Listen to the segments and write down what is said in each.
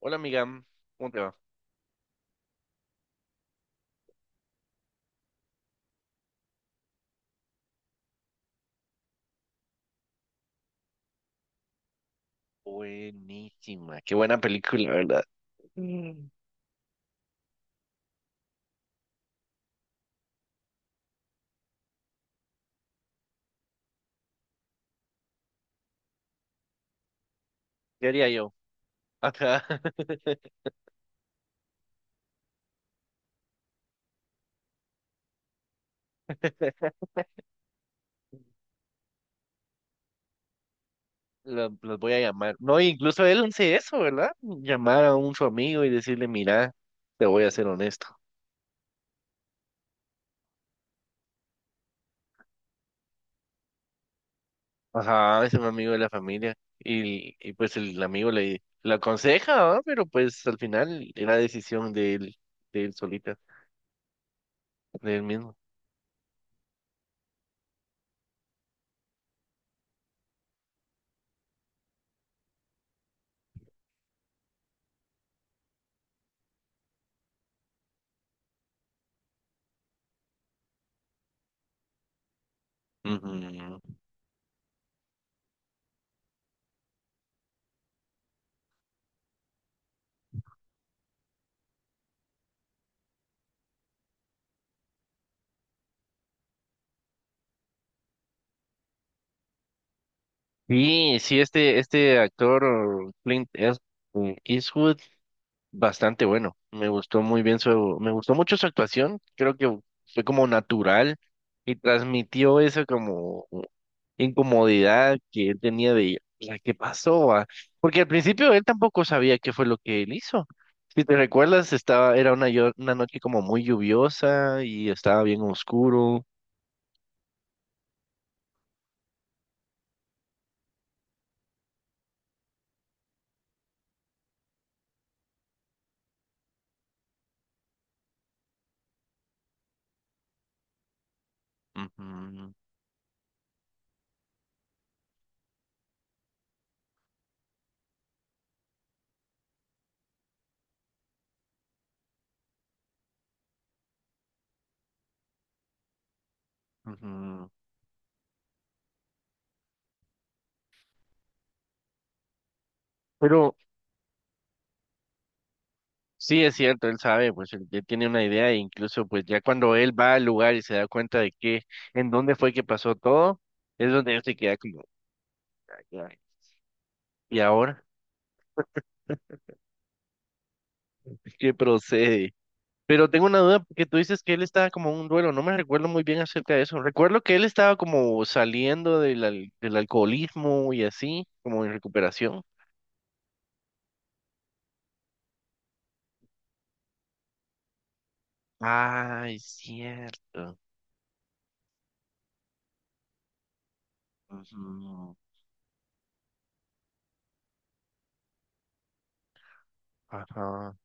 Hola amiga, ¿cómo te va? Buenísima, qué buena película, ¿verdad? Mm. ¿Qué haría yo? Ajá, los voy a llamar. No, incluso él hace eso, ¿verdad? Llamar a un su amigo y decirle, mira, te voy a ser honesto. Ajá, es un amigo de la familia. Y pues el amigo le aconseja, ¿va? Pero pues al final era decisión de él solita, de él mismo. Ujú. Sí, sí, este actor Eastwood bastante bueno. Me gustó muy me gustó mucho su actuación. Creo que fue como natural y transmitió esa como incomodidad que él tenía de la que pasó, ¿va? Porque al principio él tampoco sabía qué fue lo que él hizo. Si te recuerdas, era una noche como muy lluviosa y estaba bien oscuro. Ujú, ujú. Pero sí, es cierto, él sabe, pues él ya tiene una idea e incluso pues ya cuando él va al lugar y se da cuenta de que en dónde fue que pasó todo, es donde él se queda como, "Ay, ay, ¿y ahora qué procede?" Pero tengo una duda porque tú dices que él estaba como en un duelo, no me recuerdo muy bien acerca de eso. Recuerdo que él estaba como saliendo del alcoholismo y así, como en recuperación. Ah, es cierto. Ujú. Ajá.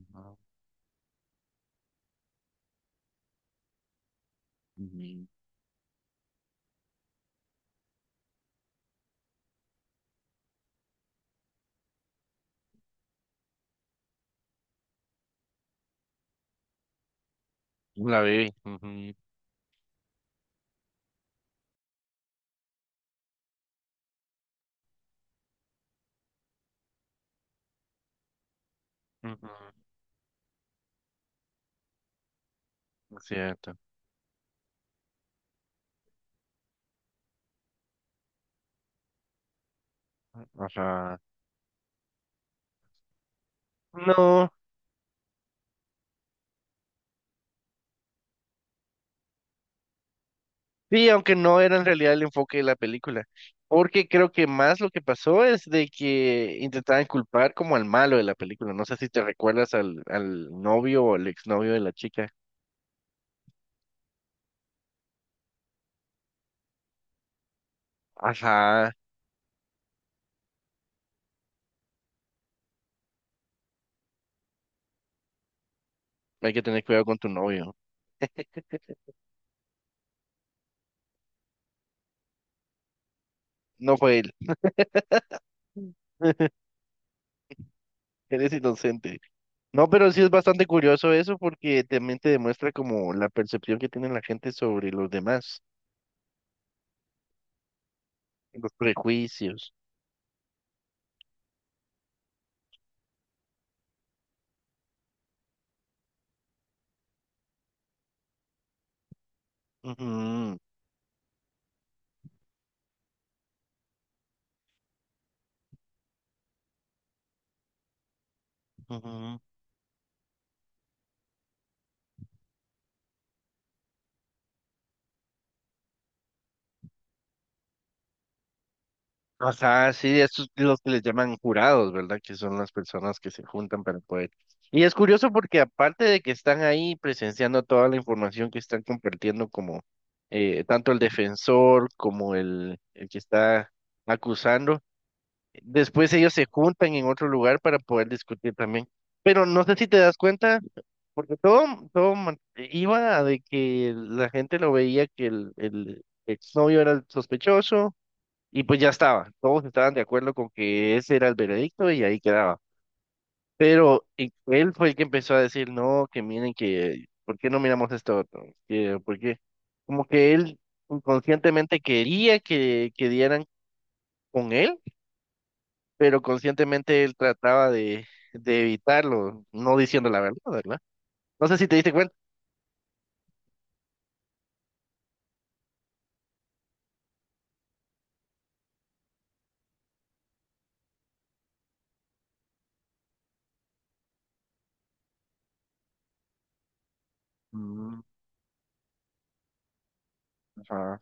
Ujú. La bebé. Ujú. Ujú. Es cierto. Ajá. No, sí, aunque no era en realidad el enfoque de la película, porque creo que más lo que pasó es de que intentaban culpar como al malo de la película, no sé si te recuerdas al novio o al exnovio de la chica. Ajá, hay que tener cuidado con tu novio, no fue él, eres inocente. No, pero sí es bastante curioso eso porque también te demuestra como la percepción que tiene la gente sobre los demás, los prejuicios. Ujú, ujú. Ajá, sí, estos los que les llaman jurados, ¿verdad? Que son las personas que se juntan para poder. Y es curioso porque aparte de que están ahí presenciando toda la información que están compartiendo como tanto el defensor como el que está acusando, después ellos se juntan en otro lugar para poder discutir también. Pero no sé si te das cuenta, porque todo, iba a de que la gente lo veía que el exnovio era el sospechoso y pues ya estaba, todos estaban de acuerdo con que ese era el veredicto y ahí quedaba. Pero él fue el que empezó a decir, no, que miren que, ¿por qué no miramos esto otro? Que, ¿por qué? Como que él inconscientemente quería que dieran con él, pero conscientemente él trataba de evitarlo, no diciendo la verdad, ¿verdad? No sé si te diste cuenta. Mm, ajá,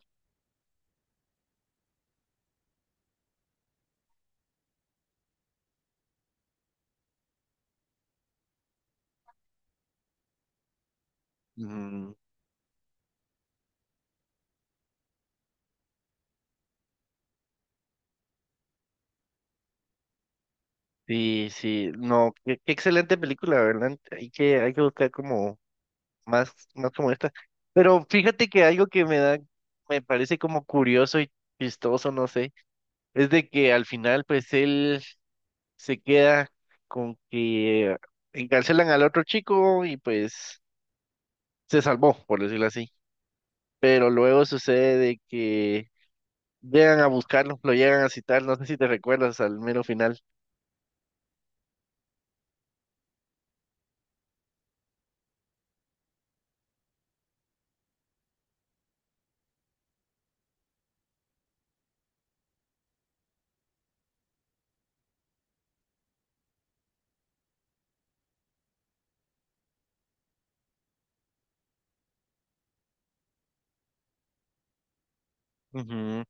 mm. Sí, sí, no, qué, qué excelente película, ¿verdad? Hay que buscar como más, más como esta. Pero fíjate que algo que me da, me parece como curioso y chistoso, no sé, es de que al final pues él se queda con que encarcelan al otro chico y pues se salvó, por decirlo así. Pero luego sucede de que llegan a buscarlo, lo llegan a citar, no sé si te recuerdas al mero final. Ujú.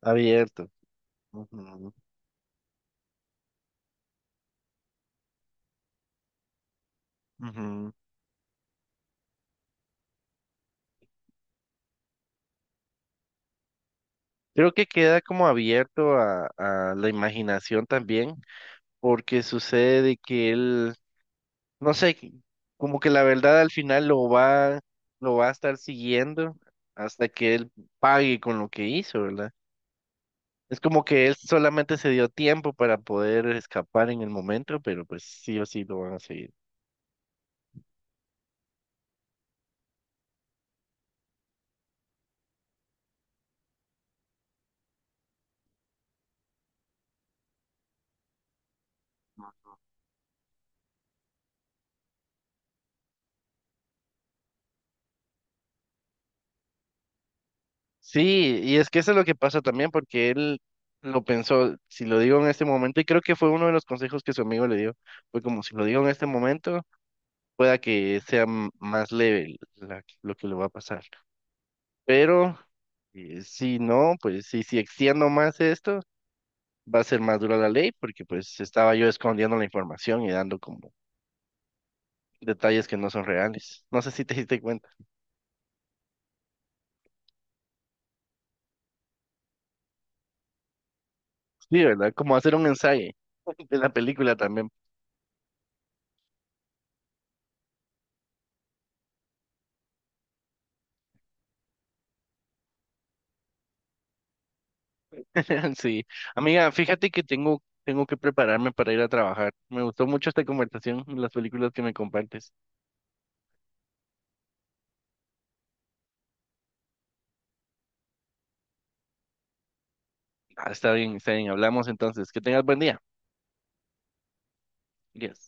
Abierto. Ujú, ujú. Creo que queda como abierto a la imaginación también porque sucede de que él, no sé, como que la verdad al final lo va a estar siguiendo hasta que él pague con lo que hizo, ¿verdad? Es como que él solamente se dio tiempo para poder escapar en el momento, pero pues sí o sí lo van a seguir. Sí, y es que eso es lo que pasa también, porque él lo pensó, si lo digo en este momento, y creo que fue uno de los consejos que su amigo le dio, fue como si lo digo en este momento, pueda que sea más leve lo que le va a pasar. Pero si no, pues si, si extiendo más esto, va a ser más dura la ley porque pues estaba yo escondiendo la información y dando como detalles que no son reales. No sé si te diste cuenta. Sí, ¿verdad? Como hacer un ensayo de la película también. Sí. Amiga, fíjate que tengo, tengo que prepararme para ir a trabajar. Me gustó mucho esta conversación, las películas que me compartes. Ah, está bien, está bien. Hablamos entonces. Que tengas buen día. Yes.